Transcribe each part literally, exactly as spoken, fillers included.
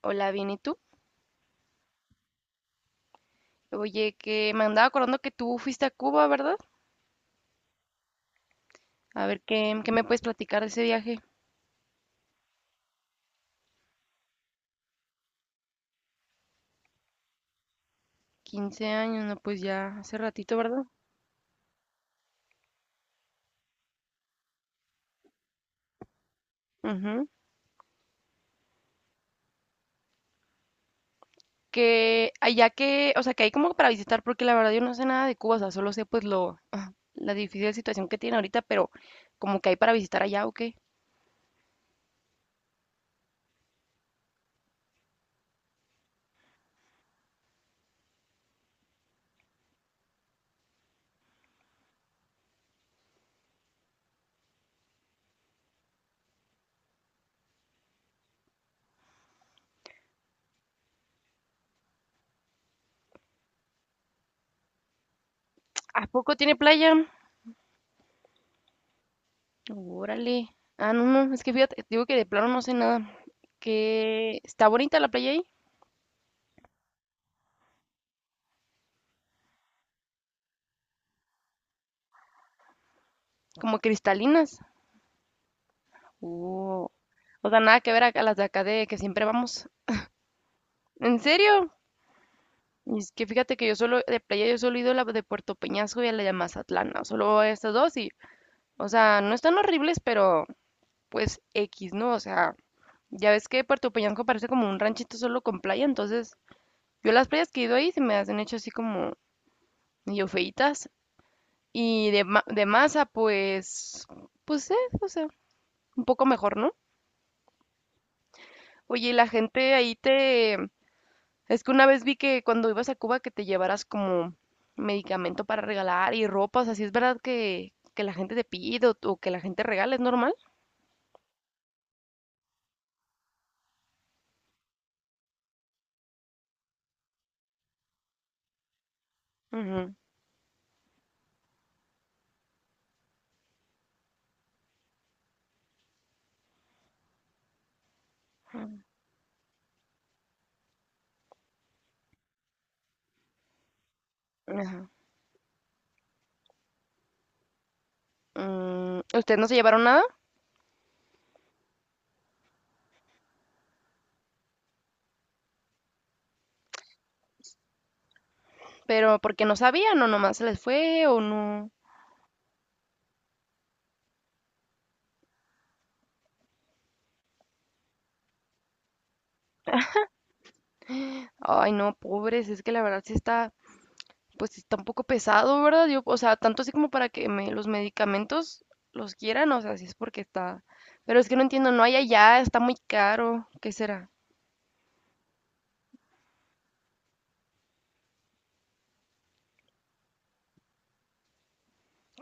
Hola, bien, ¿y tú? Oye, que me andaba acordando que tú fuiste a Cuba, ¿verdad? A ver, ¿qué, qué me puedes platicar de ese viaje? quince años, no, pues ya hace ratito, ¿verdad? Ujú. Que allá que, o sea, que hay como para visitar, porque la verdad yo no sé nada de Cuba, o sea, solo sé pues lo, ah, la difícil situación que tiene ahorita, pero como que hay para visitar allá, ¿o qué? ¿A poco tiene playa? Órale. Ah, no, no, es que fíjate, digo que de plano no sé nada. Que está bonita la playa ahí, como cristalinas. Uh, o sea, nada que ver a, las de acá de que siempre vamos. ¿En serio? Y es que fíjate que yo solo, de playa, yo solo he ido a la de Puerto Peñasco y a la de Mazatlán, ¿no? Solo a estas dos y, o sea, no están horribles, pero pues X, ¿no? O sea, ya ves que Puerto Peñasco parece como un ranchito solo con playa, entonces yo las playas que he ido ahí se me han hecho así como medio feitas. Y de, ma- de Maza pues, pues, eh, o sea, un poco mejor, ¿no? Oye, ¿y la gente ahí te, es que una vez vi que cuando ibas a Cuba que te llevaras como medicamento para regalar y ropa, o sea, si es verdad que, que la gente te pide o, o que la gente regala, ¿es normal? Ujú, ajá. Mm, ¿ustedes no se llevaron nada? ¿Pero porque no sabían o nomás se les fue o no? Ay, no, pobres, es que la verdad sí está, pues sí está un poco pesado, ¿verdad? Yo, o sea, tanto así como para que me, los medicamentos los quieran, o sea, sí es porque está... Pero es que no entiendo, no hay allá, está muy caro, ¿qué será?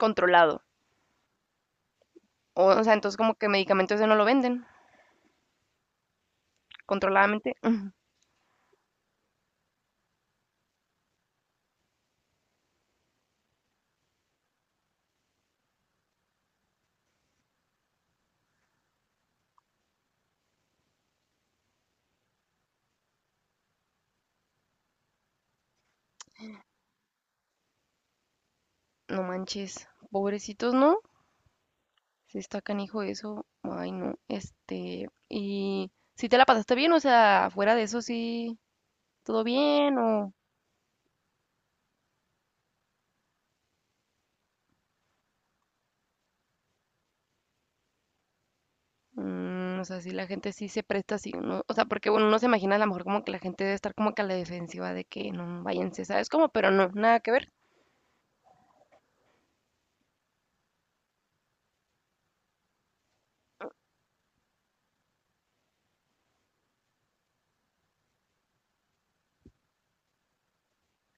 Controlado. O, o sea, entonces como que medicamentos ese no lo venden controladamente. mm, No manches, pobrecitos, ¿no? Si está canijo eso, ay no, este, y si te la pasaste bien, o sea, fuera de eso sí, todo bien, o, mm, o sea, si la gente sí se presta, sí, uno, o sea, porque bueno, uno no se imagina a lo mejor como que la gente debe estar como que a la defensiva de que no, váyanse, ¿sabes cómo? Pero no, nada que ver.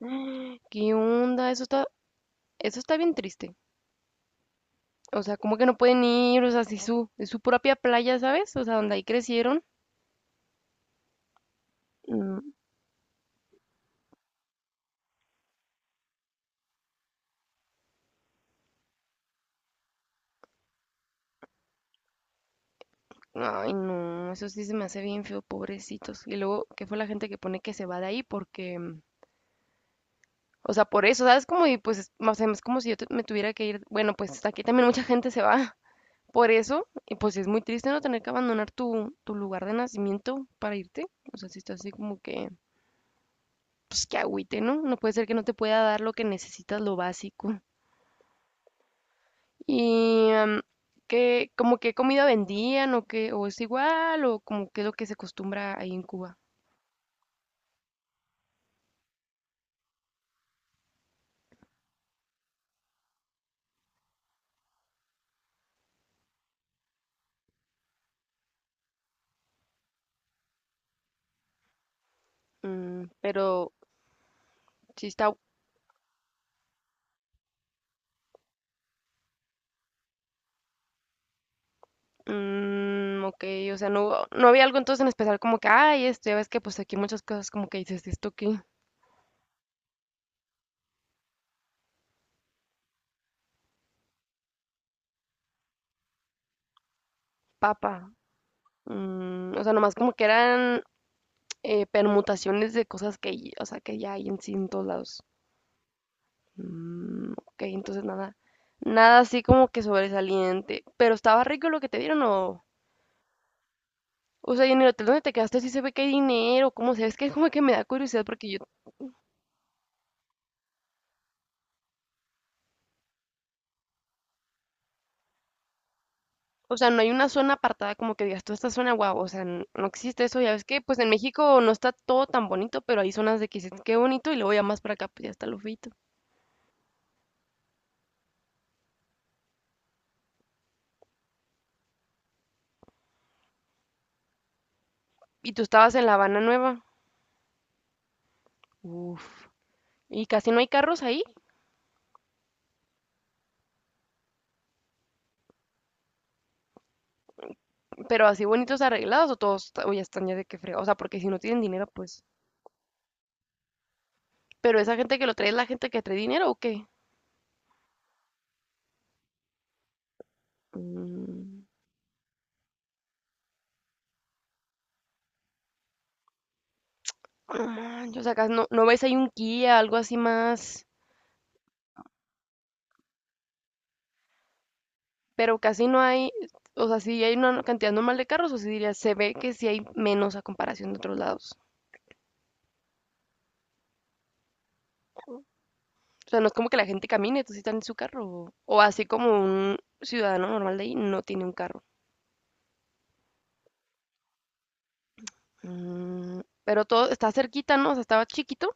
¿Qué onda? Eso está, eso está bien triste. O sea, como que no pueden ir, o sea, si su, es su propia playa, ¿sabes? O sea, donde ahí crecieron. Mm. Ay, no, eso sí se me hace bien feo, pobrecitos. Y luego, ¿qué fue la gente que pone que se va de ahí? Porque, mm, o sea, por eso, ¿sabes? Como, y pues, es- o sea, es como si yo te- me tuviera que ir. Bueno, pues aquí también mucha gente se va por eso. Y pues es muy triste no tener que abandonar tu, tu lugar de nacimiento para irte. O sea, si estás así como que, pues que agüite, ¿no? No puede ser que no te pueda dar lo que necesitas, lo básico. Y, mm, ¿qué, como qué comida vendían o qué, o es igual, o como qué es lo que se acostumbra ahí en Cuba? Mm, pero sí está, mm, ok, o sea, no, hubo- no había algo entonces en especial como que, ay, esto, ya ves que pues aquí muchas cosas como que dices, esto qué, papa, mm, o sea, nomás como que eran eh, permutaciones de cosas que, y- o sea, que ya hay en sí en todos lados. Mm, ok, entonces nada, nada así como que sobresaliente, pero estaba rico lo que te dieron o... O sea, y en el hotel donde te quedaste sí se ve que hay dinero, ¿cómo se ve? Es que como que me da curiosidad porque yo o sea, no hay una zona apartada como que digas, tú esta zona, guau, o sea, n- no existe eso, ya ves que, pues en México no está todo tan bonito, pero hay zonas de que dices, qué bonito, y luego ya más para acá, pues ya está lo feito. Y tú estabas en La Habana Nueva, uff, y casi no hay carros ahí, pero así bonitos arreglados, o todos, ta- o ya están ya de que frega, o sea, porque si no tienen dinero, pues. Pero esa gente que lo trae es la gente que trae dinero, ¿o qué? Mm, no manches, o sea, acá no, no ves ahí un Kia, algo así más, pero casi no hay, o sea, sí hay una cantidad normal de carros, o sí diría, se ve que sí hay menos a comparación de otros lados. O sea, no es como que la gente camine, entonces están en su carro. O, o así como un ciudadano normal de ahí no tiene un carro. Mm, pero todo está cerquita, ¿no? O sea, estaba chiquito.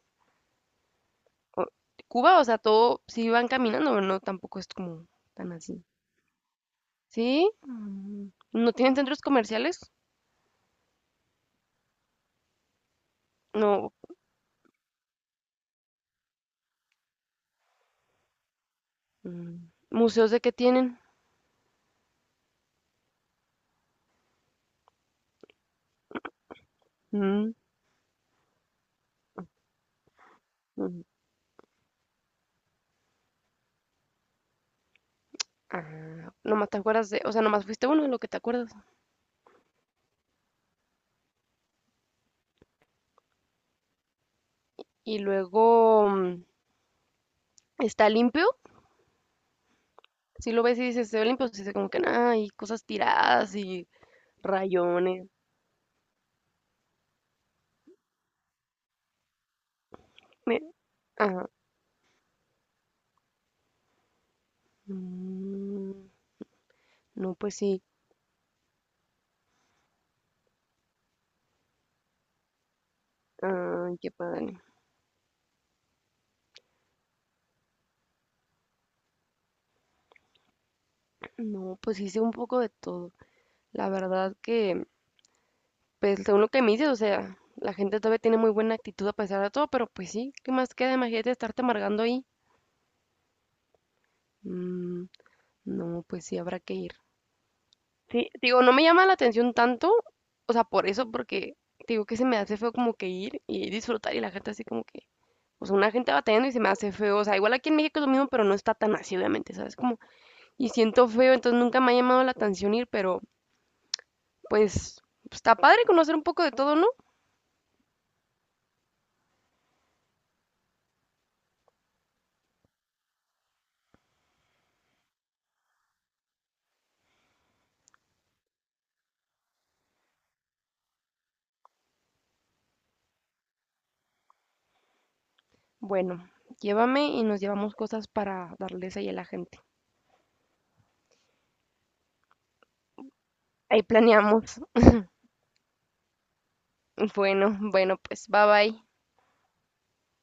o- Cuba, o sea, todo sí van caminando, pero no tampoco es como tan así. ¿Sí? Mm, ¿no tienen centros comerciales? No. Mm, ¿museos de qué tienen? Mm, ujú. Ah, nomás te acuerdas de, o sea, nomás fuiste uno de lo que te acuerdas. Y luego mm, está limpio. Si lo ves y dices, se ve limpio, se dice como que nada, hay cosas tiradas y rayones. Me- ajá. Mm, no, pues sí. Ay, qué padre. No, pues hice un poco de todo. La verdad que, pues según lo que me dices, o sea, la gente todavía tiene muy buena actitud a pesar de todo, pero pues sí, ¿qué más queda? Imagínate estarte amargando ahí. Mm, no, pues sí, habrá que ir. Sí, digo, no me llama la atención tanto, o sea, por eso, porque digo que se me hace feo como que ir y disfrutar y la gente así como que, o sea, una gente batallando y se me hace feo, o sea, igual aquí en México es lo mismo, pero no está tan así, obviamente, ¿sabes? Como, y siento feo, entonces nunca me ha llamado la atención ir, pero pues está padre conocer un poco de todo, ¿no? Bueno, llévame y nos llevamos cosas para darles ahí a la gente. Ahí planeamos. Bueno, bueno, pues bye bye.